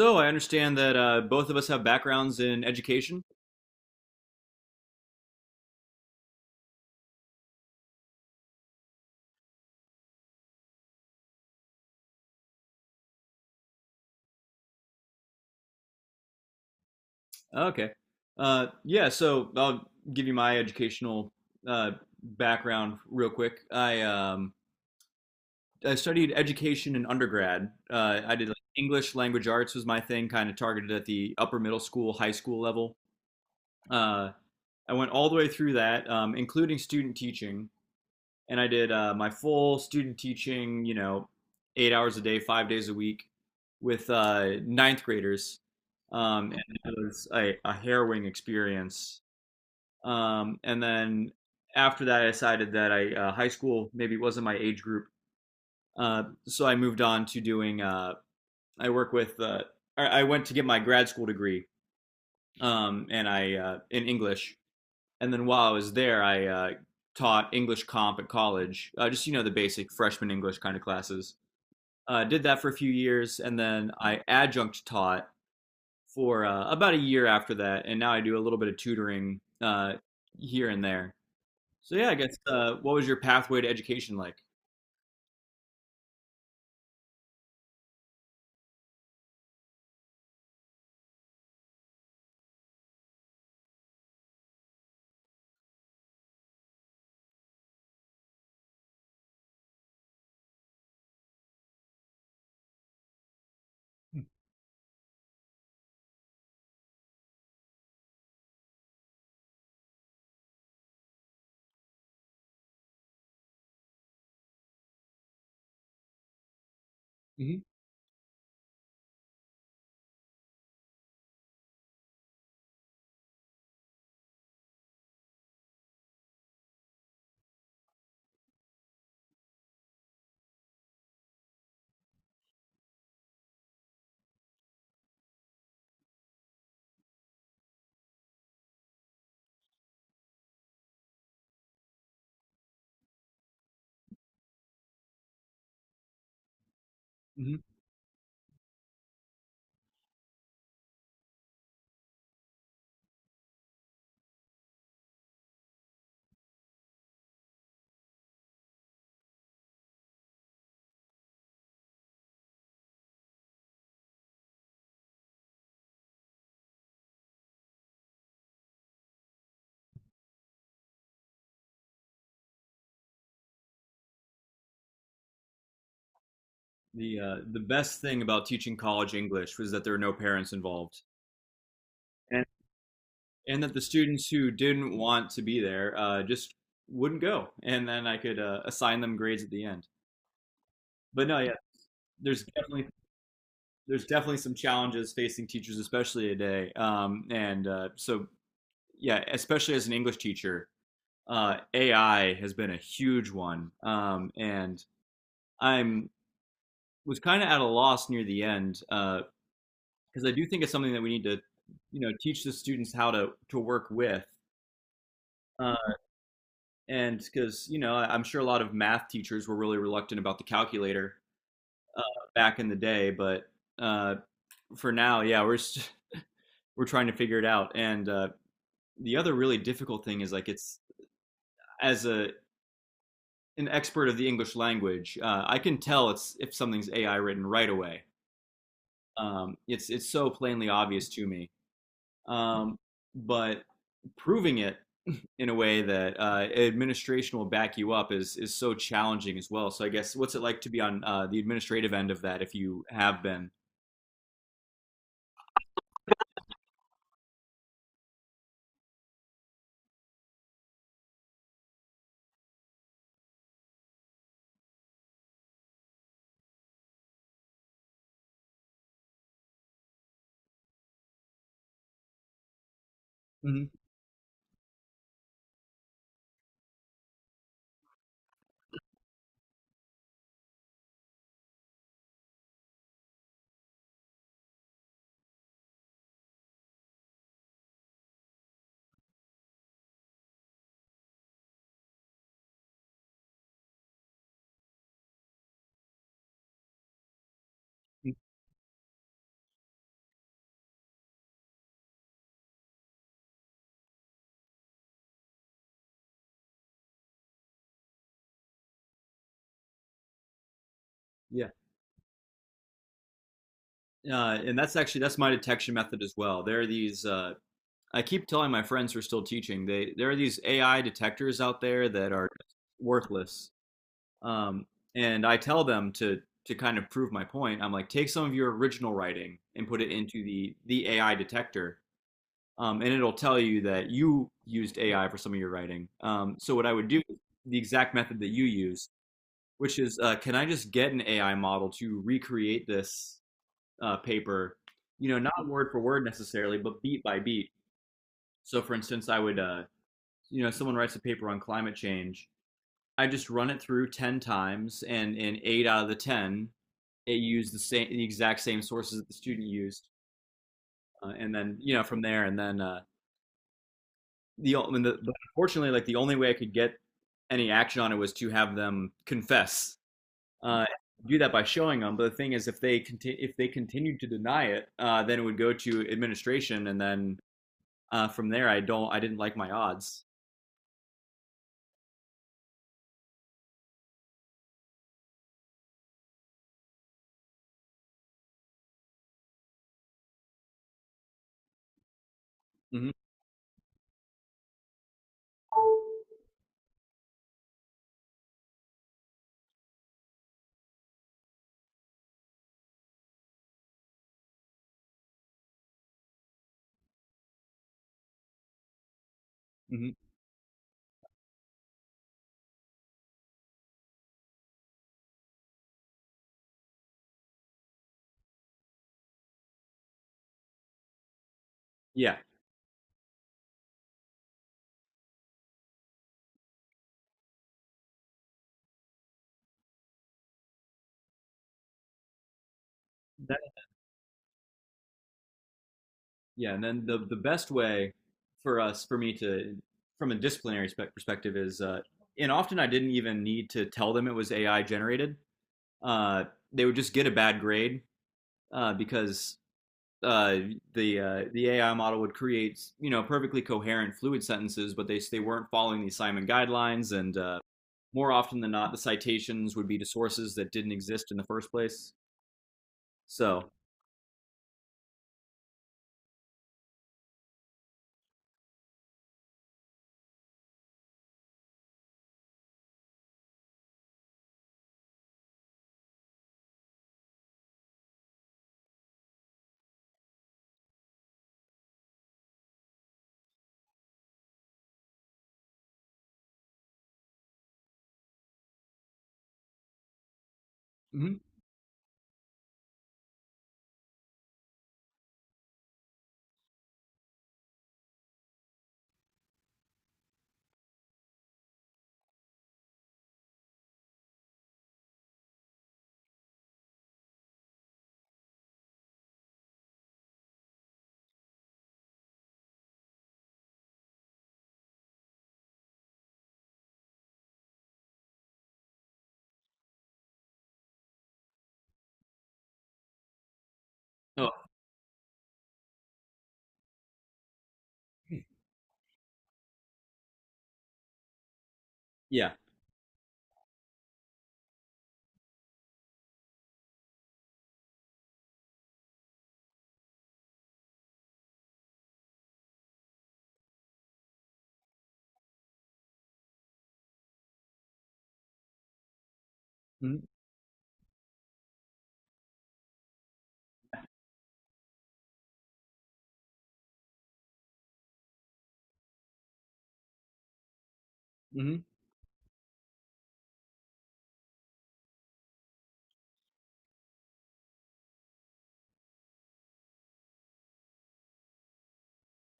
So I understand that both of us have backgrounds in education. Okay. Yeah, so I'll give you my educational uh, background real quick. I studied education in undergrad. I did like English language arts was my thing, kind of targeted at the upper middle school, high school level. Uh, I went all the way through that, including student teaching, and I did my full student teaching, you know, 8 hours a day, 5 days a week with ninth graders. And it was a harrowing experience. And then after that, I decided that I high school maybe wasn't my age group. So I moved on to doing, I work with, I went to get my grad school degree, and I in English. And then while I was there, I taught English comp at college, just you know the basic freshman English kind of classes. Did that for a few years, and then I adjunct taught for about a year after that, and now I do a little bit of tutoring here and there. So yeah, I guess what was your pathway to education like? hmm hmm the best thing about teaching college English was that there were no parents involved, and that the students who didn't want to be there just wouldn't go, and then I could assign them grades at the end. But no, yeah, there's definitely there's definitely some challenges facing teachers, especially today. And So yeah, especially as an English teacher, AI has been a huge one, and I'm was kind of at a loss near the end because I do think it's something that we need to you know teach the students how to work with. Um, and because you know I- am sure a lot of math teachers were really reluctant about the calculator uh, back in the day, but uh, for now, yeah, we're we're trying to figure it out. And the other really difficult thing is like it's as a an expert of the english language, I can tell it's if something's ai written right away. It's so plainly obvious to me. um, but proving it in a way that administration will back you up is so challenging as well. So I guess what's it like to be on the administrative end of that, if you have been? Mm-hmm. Yeah, and that's actually that's my detection method as well. There are these. I keep telling my friends who are still teaching. They there are these AI detectors out there that are worthless. Um, and I tell them to kind of prove my point. I'm like, take some of your original writing and put it into the AI detector, and it'll tell you that you used AI for some of your writing. So what I would do is the exact method that you use, which is, can I just get an AI model to recreate this paper? You know, not word for word necessarily, but beat by beat. So, for instance, I would, you know, someone writes a paper on climate change. I just run it through 10 times, and in 8 out of 10, it used the exact same sources that the student used, and then you know from there, and then I mean, unfortunately, like the only way I could get any action on it was to have them confess. Uh, do that by showing them. But the thing is, if they continued to deny it, then it would go to administration, and then from there, I didn't like my odds. hmm hmm Yeah, that, yeah. And then the best way for me to, from a disciplinary spec perspective, is, and often I didn't even need to tell them it was AI generated. Uh, they would just get a bad grade because uh, the AI model would create you know perfectly coherent fluid sentences, but they weren't following the assignment guidelines, and more often than not, the citations would be to sources that didn't exist in the first place. So, mhm. Oh yeah, hmm hmm.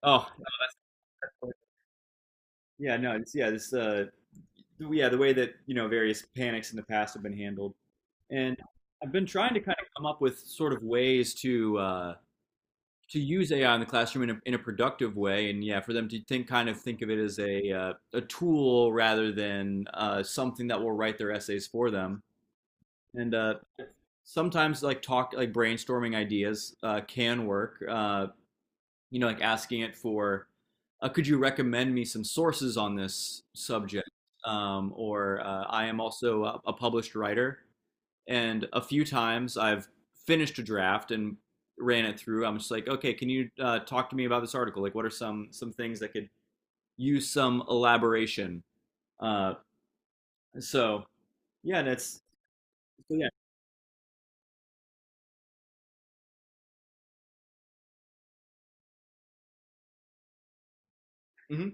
Oh yeah, no, it's, yeah, this yeah, the way that you know various panics in the past have been handled, and I've been trying to kind of come up with sort of ways to use AI in the classroom in in a productive way, and yeah, for them to think of it as a tool rather than something that will write their essays for them. And sometimes like talk like brainstorming ideas can work. You know, like asking it for, could you recommend me some sources on this subject? Or I am also a published writer. And a few times I've finished a draft and ran it through. I'm just like, okay, can you talk to me about this article? Like, what are some things that could use some elaboration? Uh, so, yeah, that's so yeah, hmm,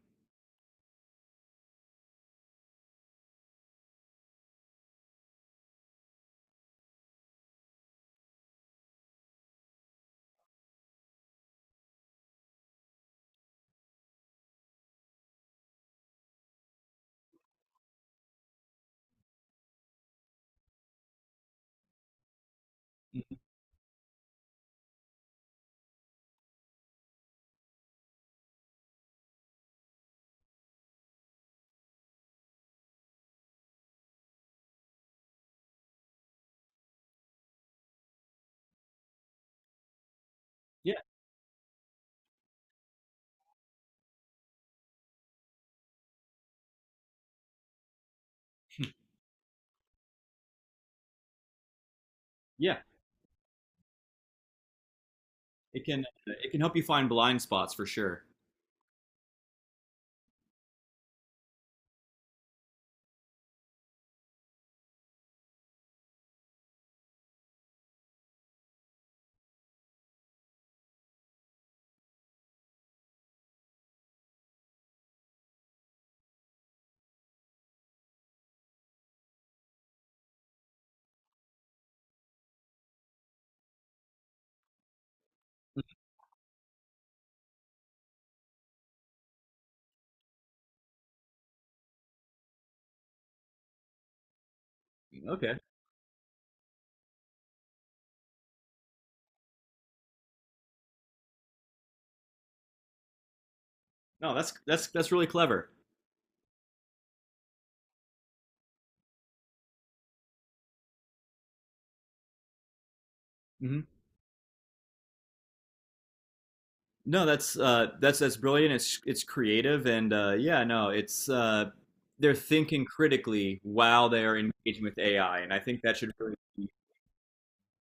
yeah, yeah. It can help you find blind spots for sure. Okay, no, that's that's really clever. Hmm. No, that's brilliant. It's creative and, yeah, no, it's they're thinking critically while they are engaging with AI, and I think that should really be,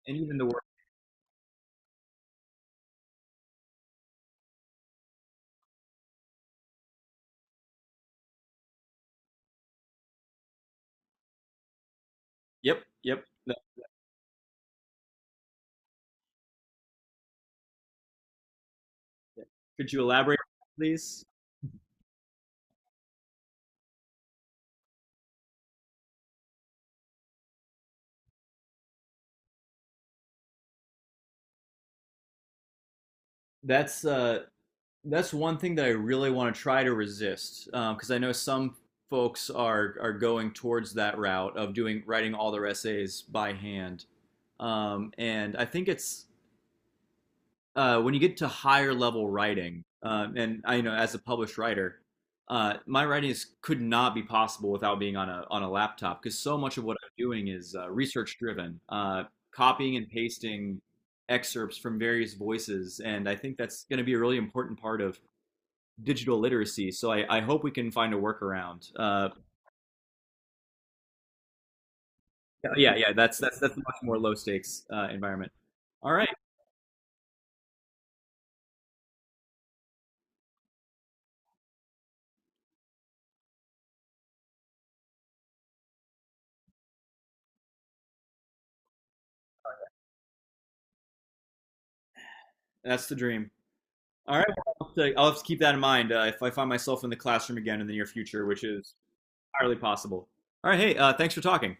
and even the work. Yep, yep. No, yeah. Could you elaborate, please? That's uh, that's one thing that I really want to try to resist because I know some folks are going towards that route of doing writing all their essays by hand, and I think it's when you get to higher level writing, and I you know as a published writer, my writing is, could not be possible without being on a laptop because so much of what I'm doing is research driven, copying and pasting excerpts from various voices, and I think that's going to be a really important part of digital literacy. So I hope we can find a workaround. Yeah, that's that's a much more low stakes environment. All right, that's the dream. All right, well, I'll have to keep that in mind if I find myself in the classroom again in the near future, which is entirely possible. All right, hey, thanks for talking.